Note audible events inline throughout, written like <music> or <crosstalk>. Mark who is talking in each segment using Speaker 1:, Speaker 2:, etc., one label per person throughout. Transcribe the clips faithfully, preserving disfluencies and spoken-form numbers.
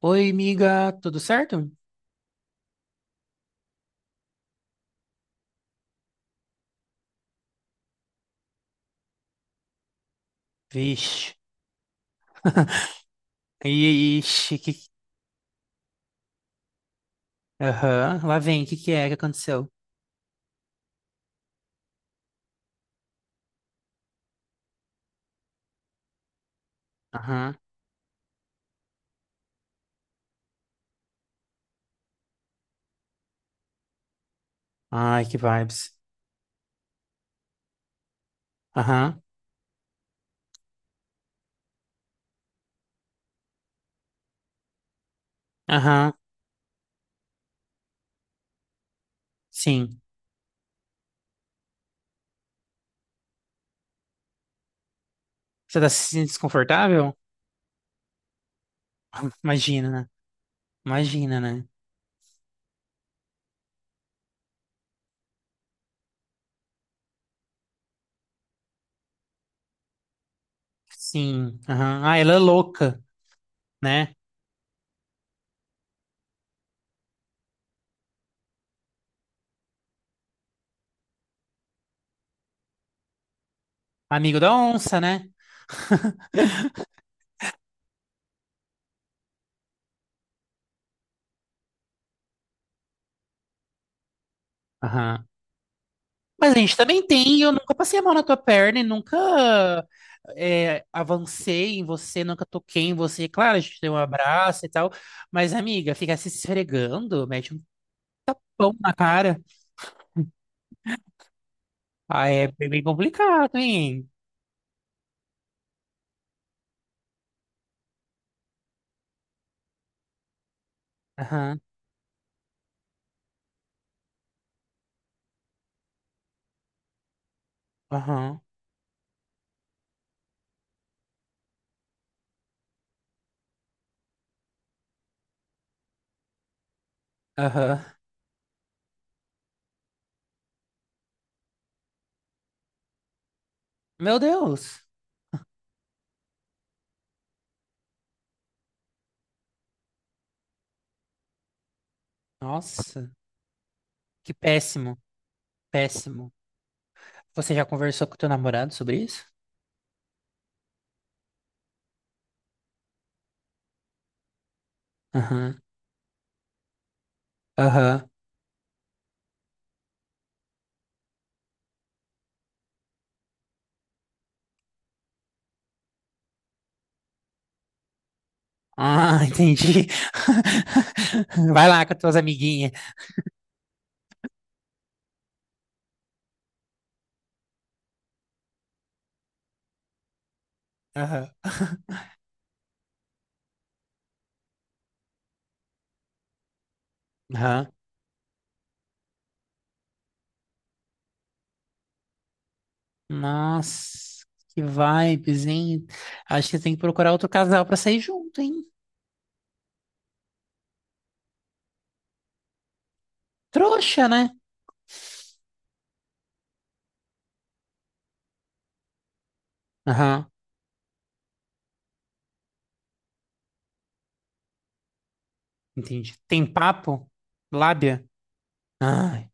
Speaker 1: Oi, amiga, tudo certo? Vixe, ixi, que... Aham. Lá vem, o que que é que aconteceu? Aham. Ai, que vibes. Aham. Aham. Sim. Você tá se sentindo desconfortável? <laughs> Imagina, né? Imagina, né? Sim, aham. Ah, ela é louca, né? Amigo da onça, né? Aham. Mas a gente também tem, e eu nunca passei a mão na tua perna e nunca é, avancei em você, nunca toquei em você. Claro, a gente deu um abraço e tal, mas amiga, ficar se esfregando, mete um pão na cara. Ah, é bem bem complicado, hein? Aham, aham, aham. Meu Deus! Nossa, que péssimo, péssimo. Você já conversou com teu namorado sobre isso? Aham, aham. Ah, entendi. <laughs> Vai lá com as tuas amiguinhas. Aham. Aham. Nossa, que vibes, hein? Acho que tem que procurar outro casal pra sair junto, hein? Trouxa, né? Aham, entendi. Tem papo? Lábia? Ai,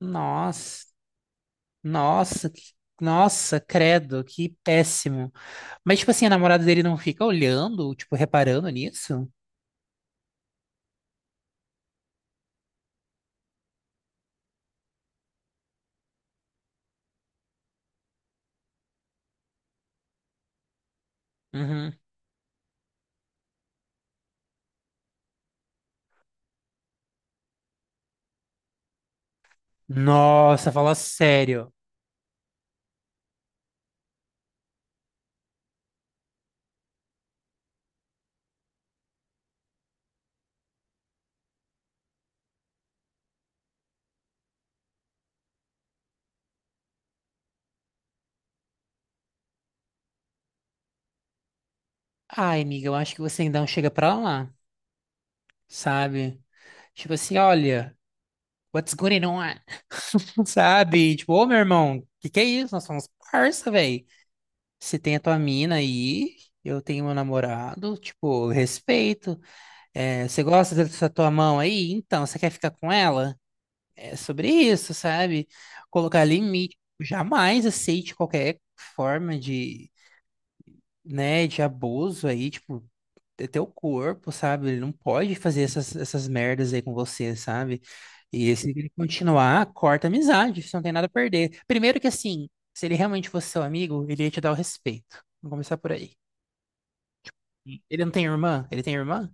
Speaker 1: nossa, nossa, que- nossa, credo, que péssimo. Mas, tipo assim, a namorada dele não fica olhando, tipo, reparando nisso? Uhum. Nossa, fala sério. Ai, amiga, eu acho que você ainda não chega pra lá, sabe? Tipo assim, olha, what's going on? Sabe? Tipo, ô meu irmão, que que é isso? Nós somos parça, velho. Você tem a tua mina aí, eu tenho meu namorado, tipo, respeito. É, você gosta dessa tua mão aí? Então, você quer ficar com ela? É sobre isso, sabe? Colocar limite. Jamais aceite qualquer forma de, né, de abuso aí, tipo, é teu corpo, sabe? Ele não pode fazer essas, essas merdas aí com você, sabe? E se ele continuar, corta a amizade, você não tem nada a perder. Primeiro que assim, se ele realmente fosse seu amigo, ele ia te dar o respeito. Vamos começar por aí. Ele não tem irmã? Ele tem irmã?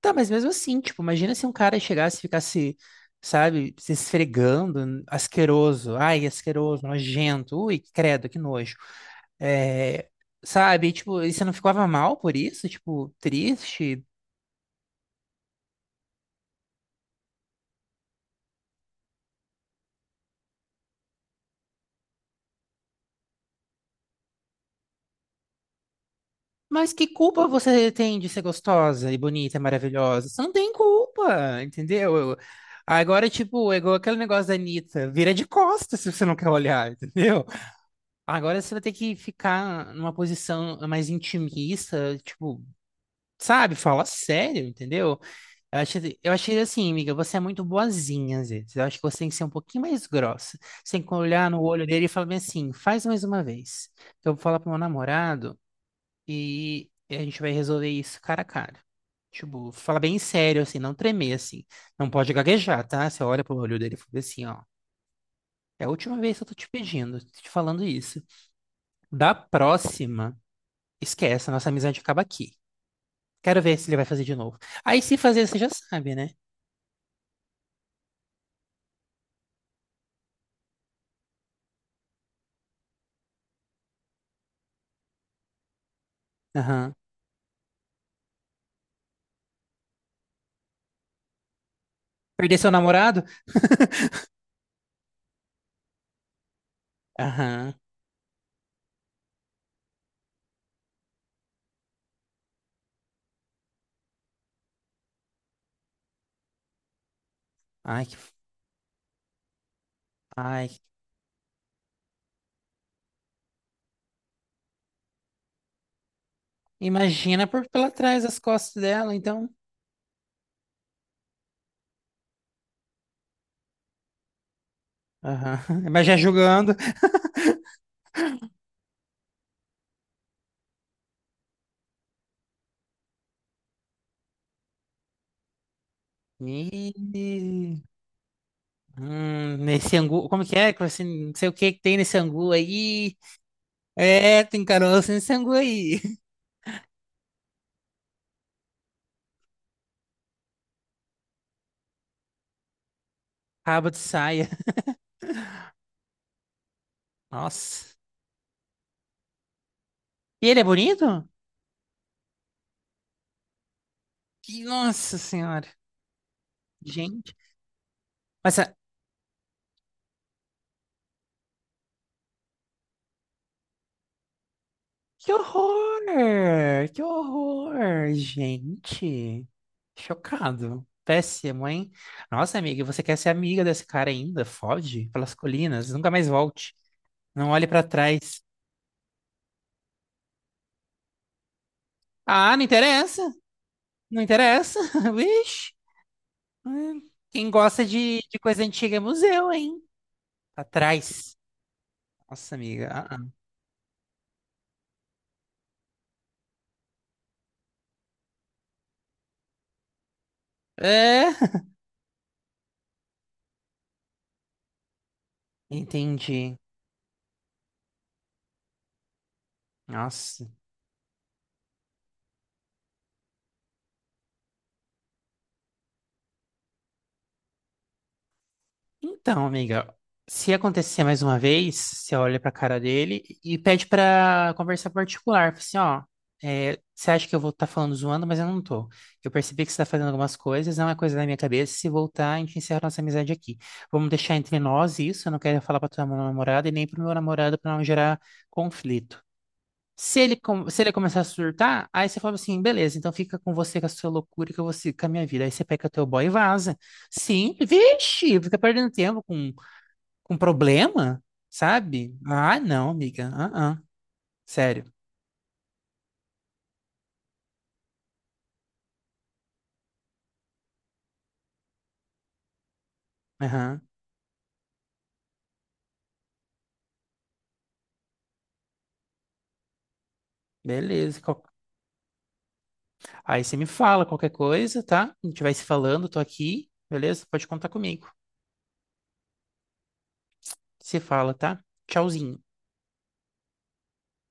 Speaker 1: Tá, mas mesmo assim, tipo, imagina se um cara chegasse e ficasse, sabe, se esfregando, asqueroso, ai, asqueroso, nojento, ui, credo, que nojo. É, sabe, tipo, e você não ficava mal por isso? Tipo, triste? Mas que culpa você tem de ser gostosa e bonita e maravilhosa? Você não tem culpa, entendeu? Eu... Agora, tipo, é igual aquele negócio da Anitta, vira de costas se você não quer olhar, <laughs> entendeu? Agora você vai ter que ficar numa posição mais intimista, tipo, sabe? Fala sério, entendeu? Eu achei, eu achei assim, amiga, você é muito boazinha às vezes. Eu acho que você tem que ser um pouquinho mais grossa. Você tem que olhar no olho dele e falar bem assim, faz mais uma vez. Eu vou falar pro meu namorado. E a gente vai resolver isso cara a cara. Tipo, falar bem sério, assim, não tremer, assim. Não pode gaguejar, tá? Você olha pro olho dele e fala assim, ó. É a última vez que eu tô te pedindo, tô te falando isso. Da próxima, esquece, a nossa amizade acaba aqui. Quero ver se ele vai fazer de novo. Aí se fazer, você já sabe, né? Aham. Perder seu namorado? <laughs> Aham. Ai, que... Ai. Imagina por pela trás as costas dela, então. Aham. <laughs> Mas já julgando. Ih. Hum, nesse angu, como que é? Que você não sei o que que tem nesse angu aí. É, tem caroço nesse angu aí. <laughs> Rabo de saia. Nossa. E ele é bonito? Que, nossa senhora. Gente. Mas, ah, que horror! Que horror, gente. Chocado. Péssimo, hein? Nossa, amiga, você quer ser amiga desse cara ainda? Foge pelas colinas. Nunca mais volte. Não olhe pra trás. Ah, não interessa. Não interessa. <laughs> Vixe. Hum. Quem gosta de, de coisa antiga é museu, hein? Atrás. Nossa, amiga. Ah, ah. É, entendi. Nossa. Então, amiga, se acontecer mais uma vez, você olha pra cara dele e pede pra conversar particular. Fala assim, ó, é, você acha que eu vou estar falando zoando, mas eu não tô. Eu percebi que você tá fazendo algumas coisas, não é coisa da minha cabeça. Se voltar, a gente encerra nossa amizade aqui. Vamos deixar entre nós isso, eu não quero falar pra tua namorada e nem pro meu namorado pra não gerar conflito. Se ele, com- se ele começar a surtar, aí você fala assim, beleza, então fica com você com a sua loucura e que eu vou seguir com a minha vida. Aí você pega teu boy e vaza. Sim, vixe, fica perdendo tempo com, com problema, sabe? Ah, não, amiga. Ah, ah. Sério. Aham. Beleza. Qual- Aí você me fala qualquer coisa, tá? A gente vai se falando, tô aqui, beleza? Pode contar comigo. Se fala, tá? Tchauzinho.